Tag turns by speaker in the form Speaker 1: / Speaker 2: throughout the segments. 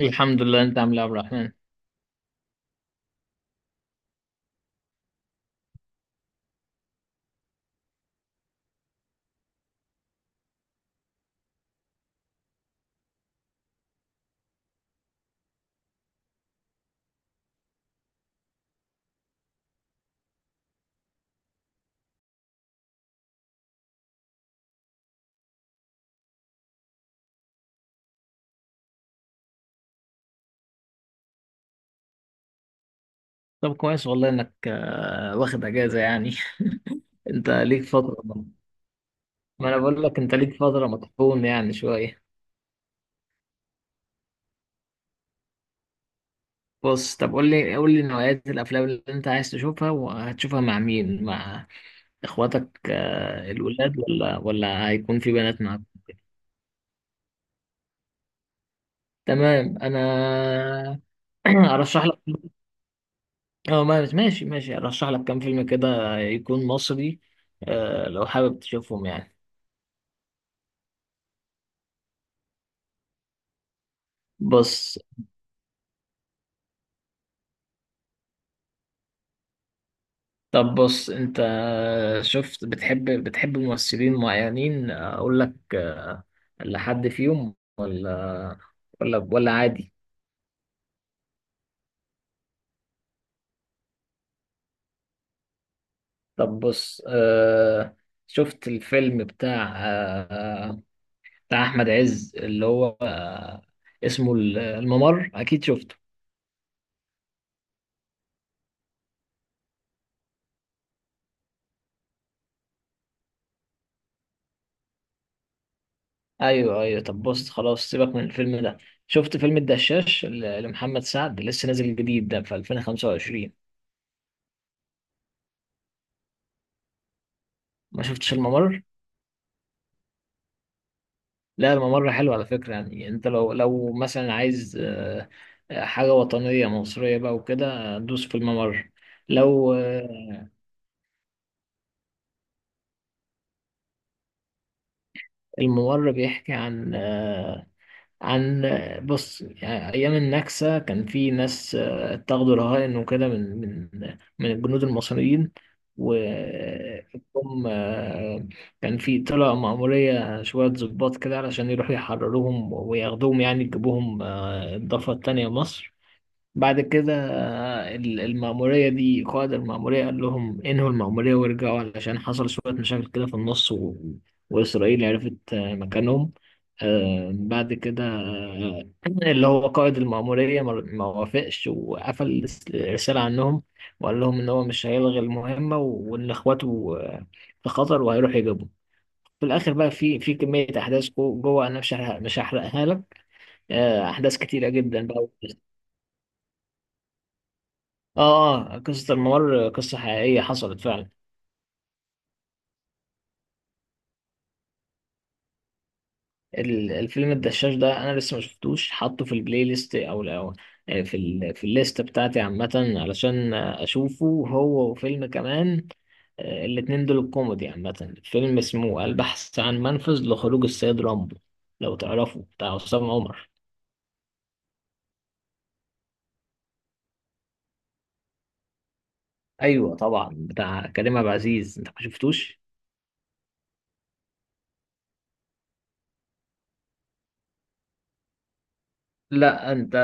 Speaker 1: الحمد لله. انت عامل ايه يا عبد الرحمن؟ طب كويس والله انك واخد اجازه يعني. انت ليك فتره. ما انا بقول لك انت ليك فتره مطحون يعني شويه. بص طب، قول لي نوعيات الافلام اللي انت عايز تشوفها وهتشوفها مع مين، مع اخواتك؟ الولاد ولا هيكون في بنات معاك؟ تمام، انا ارشح لك. اه، ماشي ماشي، ارشح لك كام فيلم كده يكون مصري. لو حابب تشوفهم يعني. بص. طب بص انت، شفت بتحب ممثلين معينين اقول لك؟ لحد فيهم ولا؟ ولا عادي؟ طب بص، شفت الفيلم بتاع احمد عز اللي هو اسمه الممر، اكيد شفته؟ ايوه ايوه، طب بص خلاص، سيبك من الفيلم ده. شفت فيلم الدشاش لمحمد سعد؟ لسه نازل جديد ده في 2025. ما شفتش الممر؟ لا، الممر حلو على فكرة. يعني انت لو مثلا عايز حاجة وطنية مصرية بقى وكده، دوس في الممر. لو الممر بيحكي عن عن بص، يعني أيام النكسة كان في ناس اتاخدوا رهائن وكده، من الجنود المصريين، وهم... كان في طلع مأمورية شوية ضباط كده علشان يروحوا يحرروهم وياخدوهم، يعني يجيبوهم الضفة التانية مصر. بعد كده المأمورية دي، قائد المأمورية قال لهم انهوا المأمورية وارجعوا علشان حصل شوية مشاكل كده في النص و... وإسرائيل عرفت مكانهم. بعد كده اللي هو قائد المأمورية ما وافقش، وقفل الرسالة عنهم. وقال لهم إن هو مش هيلغي المهمة وإن إخواته في خطر، وهيروح يجيبهم. في الآخر بقى، في كمية أحداث جوه، أنا مش هحرقها لك. أحداث كتيرة جدا بقى. اه، اه، قصة الممر قصة حقيقية حصلت فعلا. الفيلم الدشاش ده انا لسه ما شفتوش، حاطه في البلاي ليست او في الليست بتاعتي عامة، علشان اشوفه هو وفيلم كمان. الاتنين دول الكوميدي عامة. فيلم اسمه البحث عن منفذ لخروج السيد رامبو، لو تعرفه، بتاع عصام عمر. ايوه طبعا، بتاع كريم عبد العزيز. انت ما شفتوش؟ لا، انت...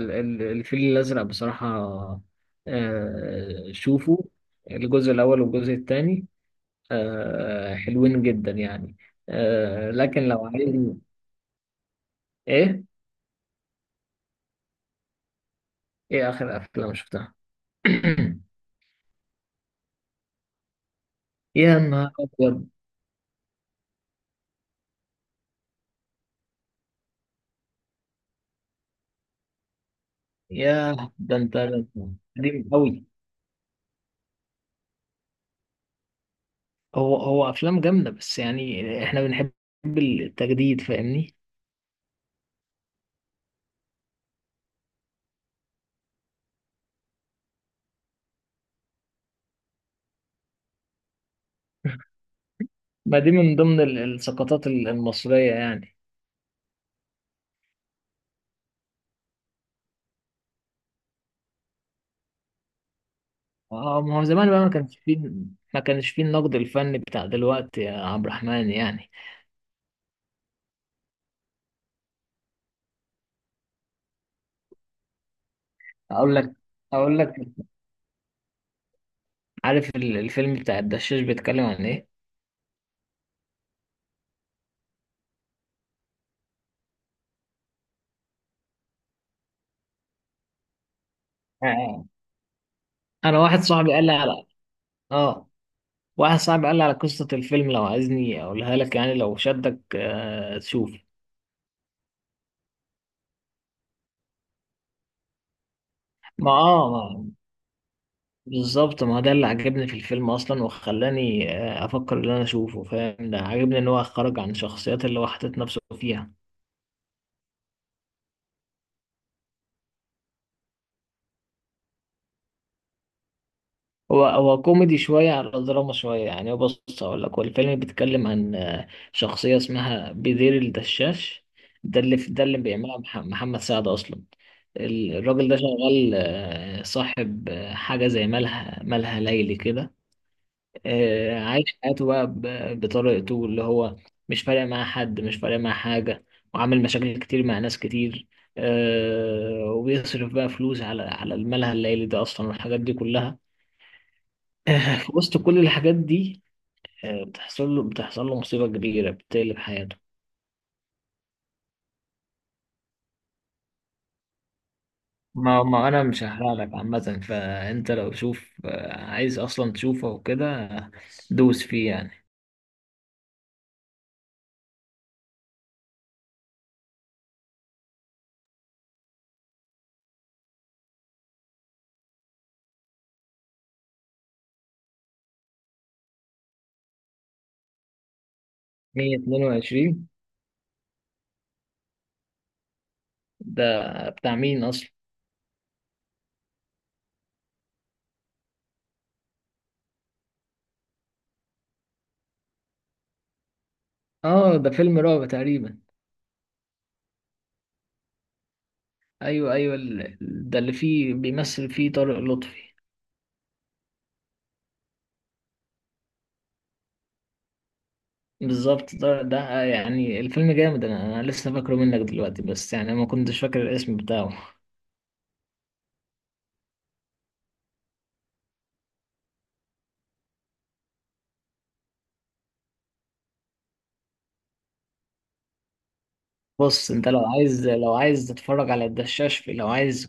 Speaker 1: الفيل الازرق بصراحه، شوفوا الجزء الاول والجزء الثاني، حلوين جدا يعني. لكن لو عايز... ايه ايه اخر افلام شفتها؟ يا نهار ابيض! يا ده انت ده أنت! قديم قوي. هو افلام جامده، بس يعني احنا بنحب التجديد، فاهمني؟ ما دي من ضمن السقطات المصريه يعني. اه، ما هو زمان بقى ما كانش فيه، ما كانش فيه النقد الفني بتاع دلوقتي يا عبد الرحمن يعني. اقول لك اقول لك. عارف الفيلم بتاع الدشاش بيتكلم عن ايه؟ آه. انا واحد صاحبي قال لي على... اه، واحد صاحبي قال لي على قصة الفيلم، لو عايزني اقولها لك يعني، لو شدك تشوف. ما اه ما- بالظبط، ما ده اللي عجبني في الفيلم اصلا، وخلاني افكر ان انا اشوفه، فاهم؟ ده عجبني ان هو خرج عن شخصيات اللي هو حاطط نفسه فيها. هو كوميدي شوية على دراما شوية، يعني هو بص، أقول لك، هو الفيلم بيتكلم عن شخصية اسمها بدير الدشاش. ده اللي بيعملها محمد سعد أصلا. الراجل ده شغال صاحب حاجة زي مالها ليلي كده. عايش حياته بقى بطريقته اللي هو، مش فارق معاه حد، مش فارق معاه حاجة. وعامل مشاكل كتير مع ناس كتير. وبيصرف بقى فلوس على المالها الليلي ده أصلا والحاجات دي كلها. في وسط كل الحاجات دي، بتحصل له مصيبة كبيرة بتقلب حياته. ما انا مش هحرق لك عامة، فانت لو شوف عايز اصلا تشوفه وكده، دوس فيه يعني. 122 ده بتاع مين اصلا؟ اه، ده فيلم رعب تقريبا. ايوه ايوه، ده اللي فيه بيمثل فيه طارق لطفي. بالظبط، ده يعني الفيلم جامد، انا لسه فاكره منك دلوقتي، بس يعني ما كنتش فاكر الاسم بتاعه. بص انت لو عايز، تتفرج على الدشاش، لو عايز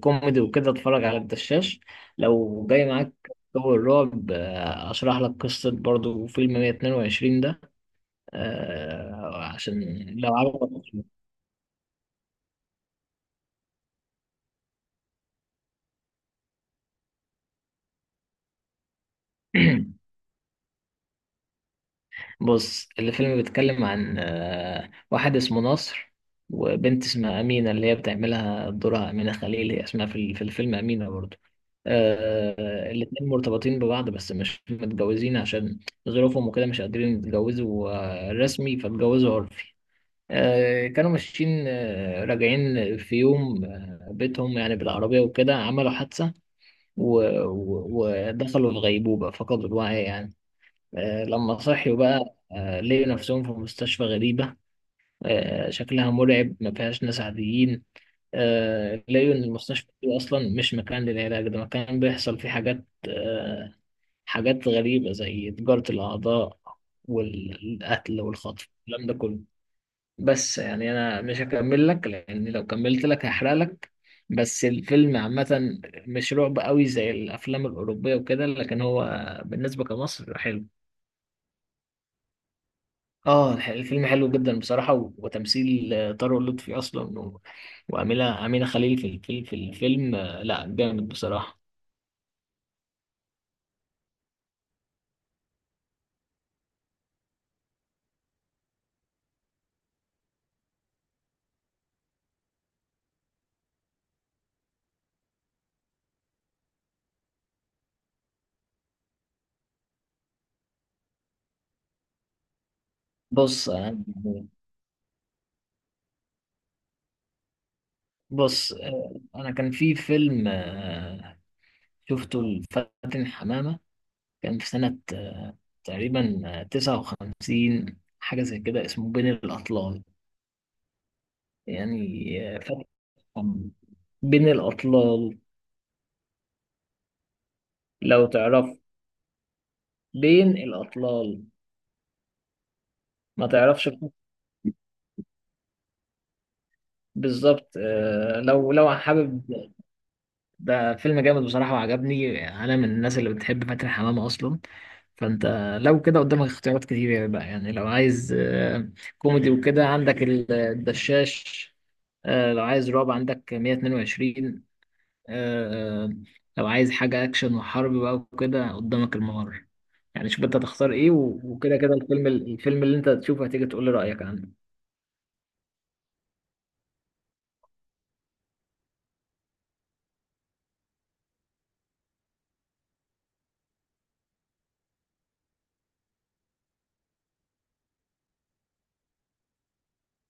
Speaker 1: كوميدي وكده، اتفرج على الدشاش. لو جاي معاك جو الرعب، اشرح لك قصة برضو فيلم 122 ده، عشان لو عجبك. بص، الفيلم بيتكلم عن واحد اسمه نصر، وبنت اسمها أمينة، اللي هي بتعملها دورها أمينة خليل، هي اسمها في الفيلم أمينة برضه. الاتنين مرتبطين ببعض، بس مش متجوزين عشان ظروفهم وكده، مش قادرين يتجوزوا رسمي، فاتجوزوا عرفي. كانوا ماشيين راجعين في يوم بيتهم يعني، بالعربية وكده عملوا حادثة، و- ودخلوا في غيبوبة، فقدوا الوعي يعني. لما صحيوا بقى لقوا نفسهم في مستشفى غريبة. شكلها مرعب، ما فيهاش ناس عاديين. لقوا إن المستشفى دي أصلا مش مكان للعلاج، ده مكان بيحصل فيه حاجات حاجات غريبة زي تجارة الأعضاء والقتل والخطف، الكلام ده كله. بس يعني أنا مش هكمل لك، لأن لو كملت لك هحرق لك. بس الفيلم عامة مش رعب قوي زي الأفلام الأوروبية وكده، لكن هو بالنسبة كمصر حلو. اه، الفيلم حلو جدا بصراحة، وتمثيل طارق لطفي أصلا، و- وأمينة خليل في الفيلم لا جامد بصراحة. بص آه، بص، أنا كان في فيلم شفته لفاتن حمامة، كان في سنة تقريبا 59، حاجة زي كده، اسمه بين الأطلال، يعني فاتن حمامة. بين الأطلال، لو تعرف. بين الأطلال، ما تعرفش؟ بالظبط. لو حابب، ده فيلم جامد بصراحة وعجبني. أنا من الناس اللي بتحب فاتن حمامة أصلا. فأنت لو كده قدامك اختيارات كتير يعني بقى، يعني لو عايز كوميدي وكده، عندك الدشاش. لو عايز رعب عندك 122. آه، آه، لو عايز حاجة أكشن وحرب بقى وكده، قدامك الممر. يعني شوف أنت تختار إيه، وكده، الفيلم اللي أنت تشوفه هتيجي تقول لي رأيك عنه.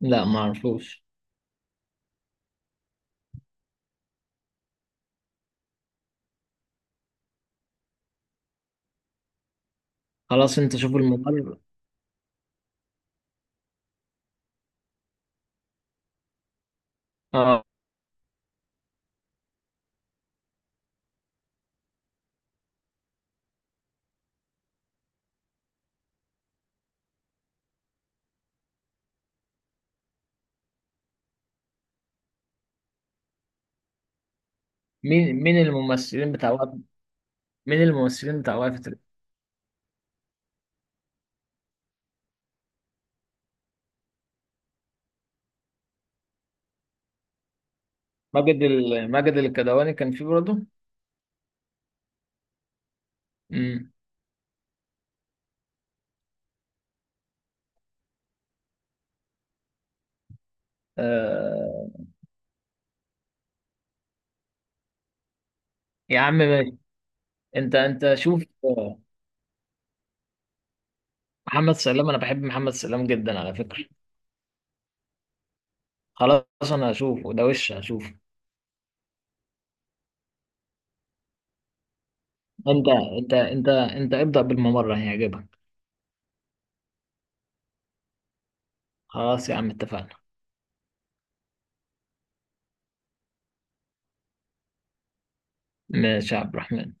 Speaker 1: لا معرفوش. خلاص، أنت شوف الممر. اه، مين الممثلين بتاع وقف... مين الممثلين بتاع وقفة ماجد الكدواني كان فيه برضه. امم. آه... يا عم ماشي. انت شوف محمد سلام، انا بحب محمد سلام جدا على فكرة. خلاص انا هشوفه ده وش هشوفه. انت انت انت انت ابدأ بالممر، هيعجبك. خلاص يا عم، اتفقنا. ماشي يا عبد الرحمن.